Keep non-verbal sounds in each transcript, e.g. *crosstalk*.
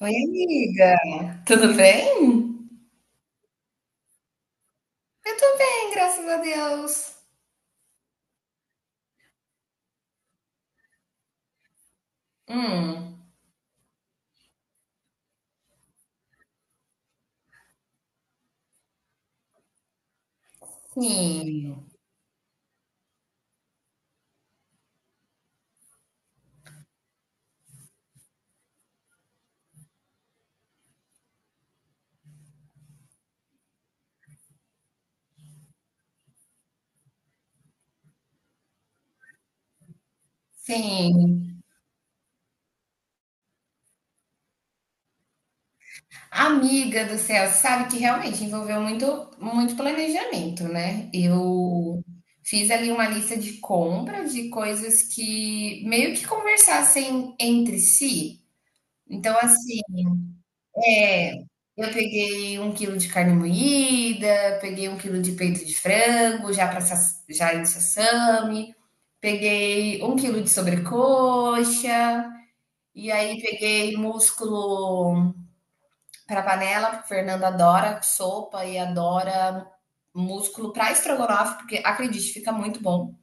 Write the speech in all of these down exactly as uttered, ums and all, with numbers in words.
Oi, amiga. Tudo bem? Eu tô bem, graças a Deus. Hum, sim, sim. Amiga do céu, sabe que realmente envolveu muito, muito planejamento, né? Eu fiz ali uma lista de compras de coisas que meio que conversassem entre si. Então, assim, é, eu peguei um quilo de carne moída, peguei um quilo de peito de frango, já para já em sassami. Peguei um quilo de sobrecoxa, e aí peguei músculo para panela, porque a Fernanda adora sopa e adora músculo para estrogonofe, porque acredite, fica muito bom.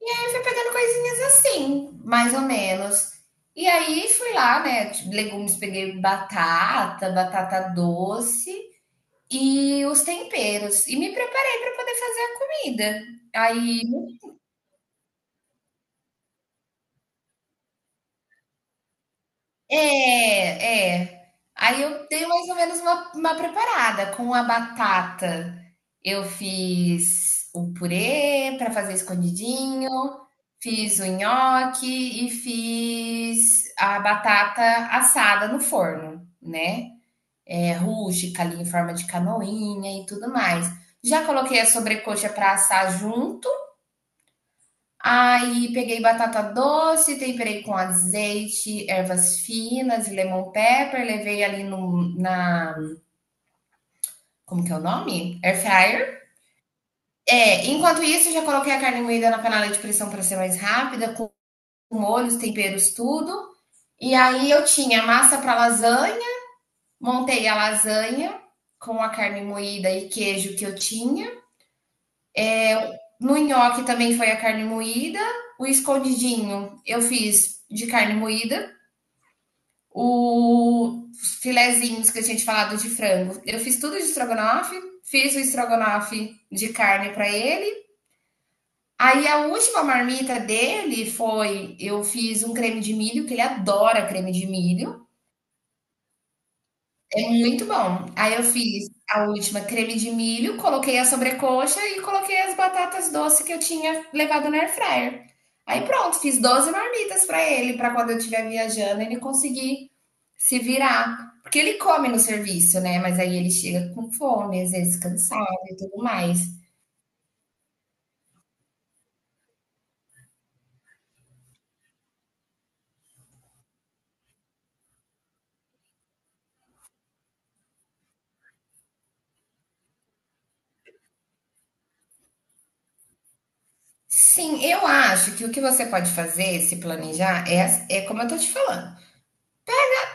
E aí fui pegando coisinhas assim, mais ou menos. E aí fui lá, né? Legumes, peguei batata, batata doce e os temperos. E me preparei para poder fazer a comida. Aí. É, é. Aí eu dei mais ou menos uma uma preparada. Com a batata, eu fiz o purê para fazer escondidinho, fiz o nhoque e fiz a batata assada no forno, né, eh, rústica ali em forma de canoinha e tudo mais. Já coloquei a sobrecoxa para assar junto. Aí peguei batata doce, temperei com azeite, ervas finas, lemon pepper, levei ali no, na. Como que é o nome? Air fryer. É, enquanto isso, já coloquei a carne moída na panela de pressão para ser mais rápida, com molhos, temperos, tudo. E aí eu tinha massa para lasanha, montei a lasanha com a carne moída e queijo que eu tinha. No nhoque também foi a carne moída. O escondidinho eu fiz de carne moída. Os filezinhos que eu tinha te falado de frango, eu fiz tudo de estrogonofe, fiz o estrogonofe de carne para ele. Aí a última marmita dele foi: eu fiz um creme de milho, que ele adora creme de milho, é muito bom. Aí eu fiz a última creme de milho, coloquei a sobrecoxa e coloquei as batatas doces que eu tinha levado no air fryer. Aí pronto, fiz doze marmitas para ele, para quando eu estiver viajando, ele conseguir se virar. Porque ele come no serviço, né? Mas aí ele chega com fome, às vezes cansado e tudo mais. Sim, eu acho que o que você pode fazer, se planejar, é, é como eu tô te falando.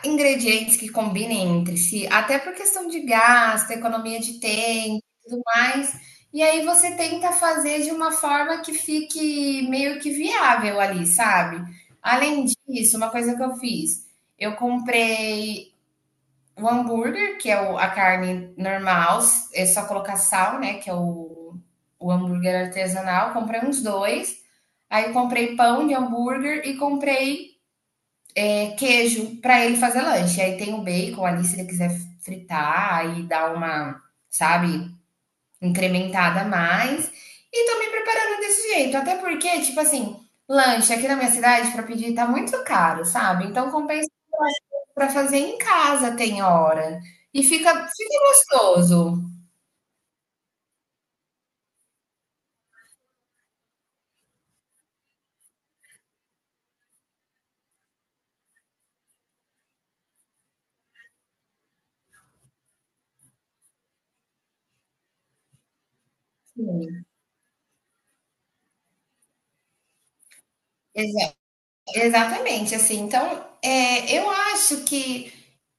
Ingredientes que combinem entre si, até por questão de gasto, economia de tempo e tudo mais. E aí você tenta fazer de uma forma que fique meio que viável ali, sabe? Além disso, uma coisa que eu fiz, eu comprei o hambúrguer, que é o- a carne normal, s- é só colocar sal, né? Que é o, o hambúrguer artesanal. Comprei uns dois. Aí comprei pão de hambúrguer e comprei é, queijo para ele fazer lanche. Aí tem o bacon ali, se ele quiser fritar, aí dar uma, sabe, incrementada a mais. E tô me preparando desse jeito. Até porque, tipo assim, lanche aqui na minha cidade para pedir tá muito caro, sabe? Então compensa para fazer em casa, tem hora. E fica, fica gostoso. Sim, exa- exatamente, assim. Então, é, eu acho que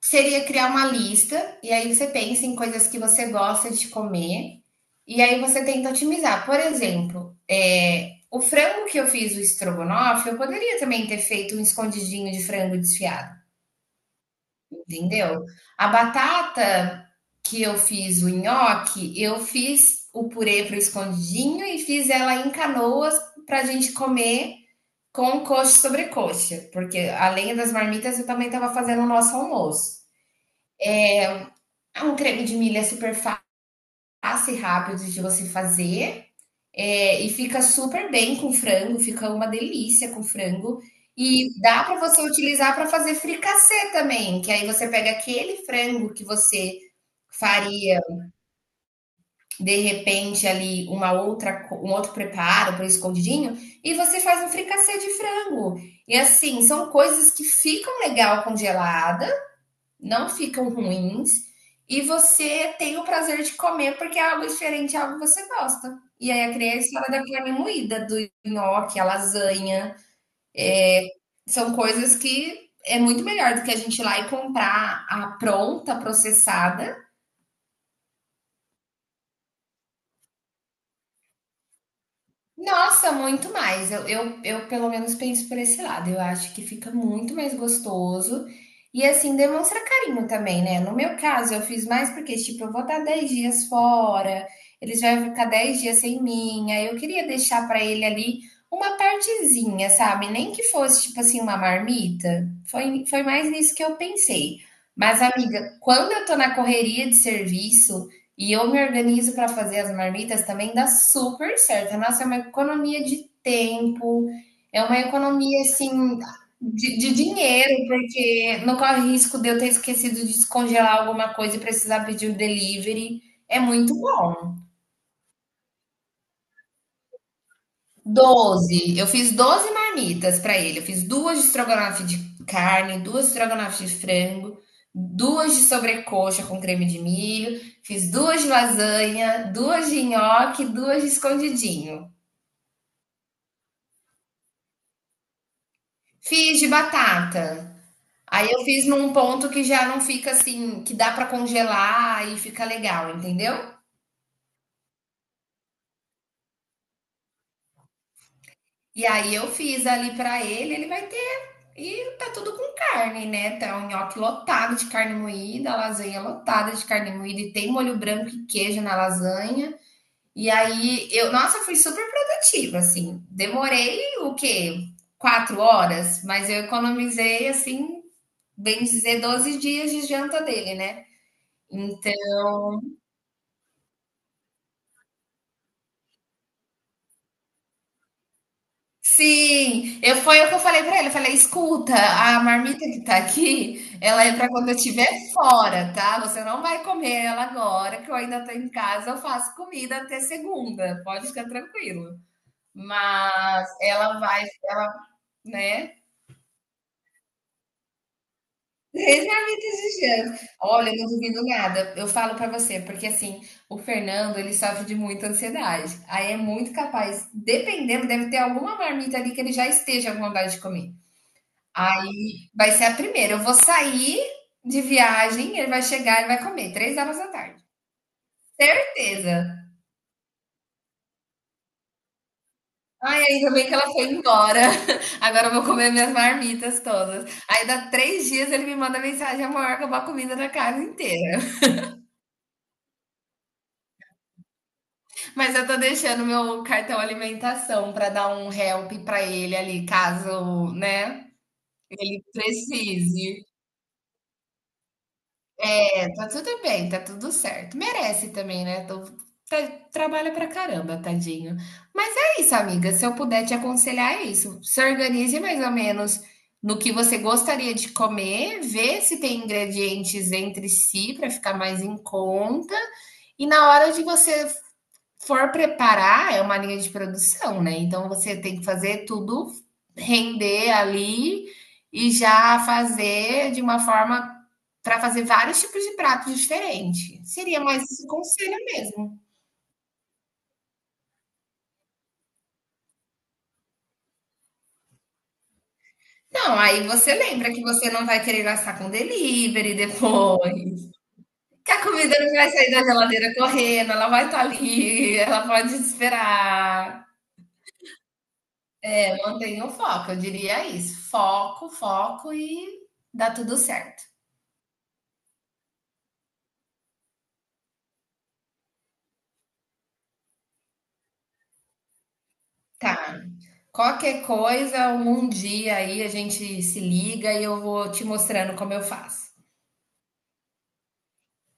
seria criar uma lista, e aí você pensa em coisas que você gosta de comer, e aí você tenta otimizar. Por exemplo, é, o frango que eu fiz, o estrogonofe, eu poderia também ter feito um escondidinho de frango desfiado. Entendeu? A batata que eu fiz o nhoque, eu fiz o purê para o escondidinho e fiz ela em canoas para a gente comer com coxa sobre coxa, porque além das marmitas eu também estava fazendo o nosso almoço. É. Um creme de milho é super fácil e rápido de você fazer. É, e fica super bem com frango, fica uma delícia com frango. E dá para você utilizar para fazer fricassê também, que aí você pega aquele frango que você faria de repente ali uma outra co- um outro preparo para escondidinho e você faz um fricassê de frango. E assim, são coisas que ficam legal congelada, não ficam ruins, e você tem o prazer de comer porque é algo diferente, é algo que você gosta. E aí eu criei a história da carne moída, do nhoque, a lasanha. São coisas que é muito melhor do que a gente ir lá e comprar a pronta, processada. Nossa, muito mais. Eu, eu, eu pelo menos penso por esse lado. Eu acho que fica muito mais gostoso e assim demonstra carinho também, né? No meu caso, eu fiz mais porque, tipo, eu vou estar dez dias fora, eles vão ficar dez dias sem mim. Aí eu queria deixar para ele ali uma partezinha, sabe? Nem que fosse, tipo assim, uma marmita. Foi, foi mais nisso que eu pensei. Mas, amiga, quando eu tô na correria de serviço, e eu me organizo para fazer as marmitas também, dá super certo. Nossa, é uma economia de tempo, é uma economia assim de, de dinheiro, porque não corre risco de eu ter esquecido de descongelar alguma coisa e precisar pedir o delivery. É muito bom. doze. Eu fiz doze marmitas para ele. Eu fiz duas de estrogonofe de carne, duas de estrogonofe de frango, duas de sobrecoxa com creme de milho, fiz duas de lasanha, duas de nhoque, duas de escondidinho. Fiz de batata. Aí eu fiz num ponto que já não fica assim, que dá pra congelar e fica legal, entendeu? E aí eu fiz ali pra ele, ele vai ter, e tá tudo com carne, né? Tá um nhoque lotado de carne moída, a lasanha lotada de carne moída e tem molho branco e queijo na lasanha. E aí eu, nossa, fui super produtiva, assim. Demorei o quê? Quatro horas, mas eu economizei, assim, bem dizer, doze dias de janta dele, né? Sim, eu foi o que eu falei pra ele, eu falei: "Escuta, a marmita que tá aqui, ela é pra quando eu estiver fora, tá? Você não vai comer ela agora, que eu ainda tô em casa, eu faço comida até segunda, pode ficar tranquilo. Mas ela vai ela", né. três marmitas de janta. Olha, eu não duvido nada, eu falo pra você, porque assim, o Fernando ele sofre de muita ansiedade, aí é muito capaz dependendo, deve ter alguma marmita ali que ele já esteja com vontade de comer. Vai ser a primeira. Eu vou sair de viagem, ele vai chegar, ele vai comer. Três horas da tarde. Certeza. Ai, ainda bem que ela foi embora. *laughs* Agora eu vou comer minhas marmitas todas. Aí, dá três dias, ele me manda mensagem: amor, acabou a comida da casa inteira. *laughs* Mas eu tô deixando meu cartão alimentação pra dar um help pra ele ali, caso, né, ele precise. Tá tudo bem, tá tudo certo. Merece também, né? Tô- tá- trabalha pra caramba, tadinho. Mas é isso, amiga. Se eu puder te aconselhar, é isso. Se organize mais ou menos no que você gostaria de comer, vê se tem ingredientes entre si para ficar mais em conta. E na hora de você for preparar, é uma linha de produção, né? Então você tem que fazer tudo render ali e já fazer de uma forma para fazer vários tipos de pratos diferentes. Seria mais esse conselho mesmo. Não, aí você lembra que você não vai querer gastar com delivery depois. Que a comida não vai sair da geladeira correndo, ela vai estar ali, ela pode esperar. É, mantenha o foco, eu diria isso. Foco, foco e dá tudo certo. Tá. Qualquer coisa, um dia aí a gente se liga e eu vou te mostrando como eu faço.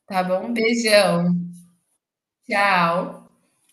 Tá bom? Beijão. Tchau.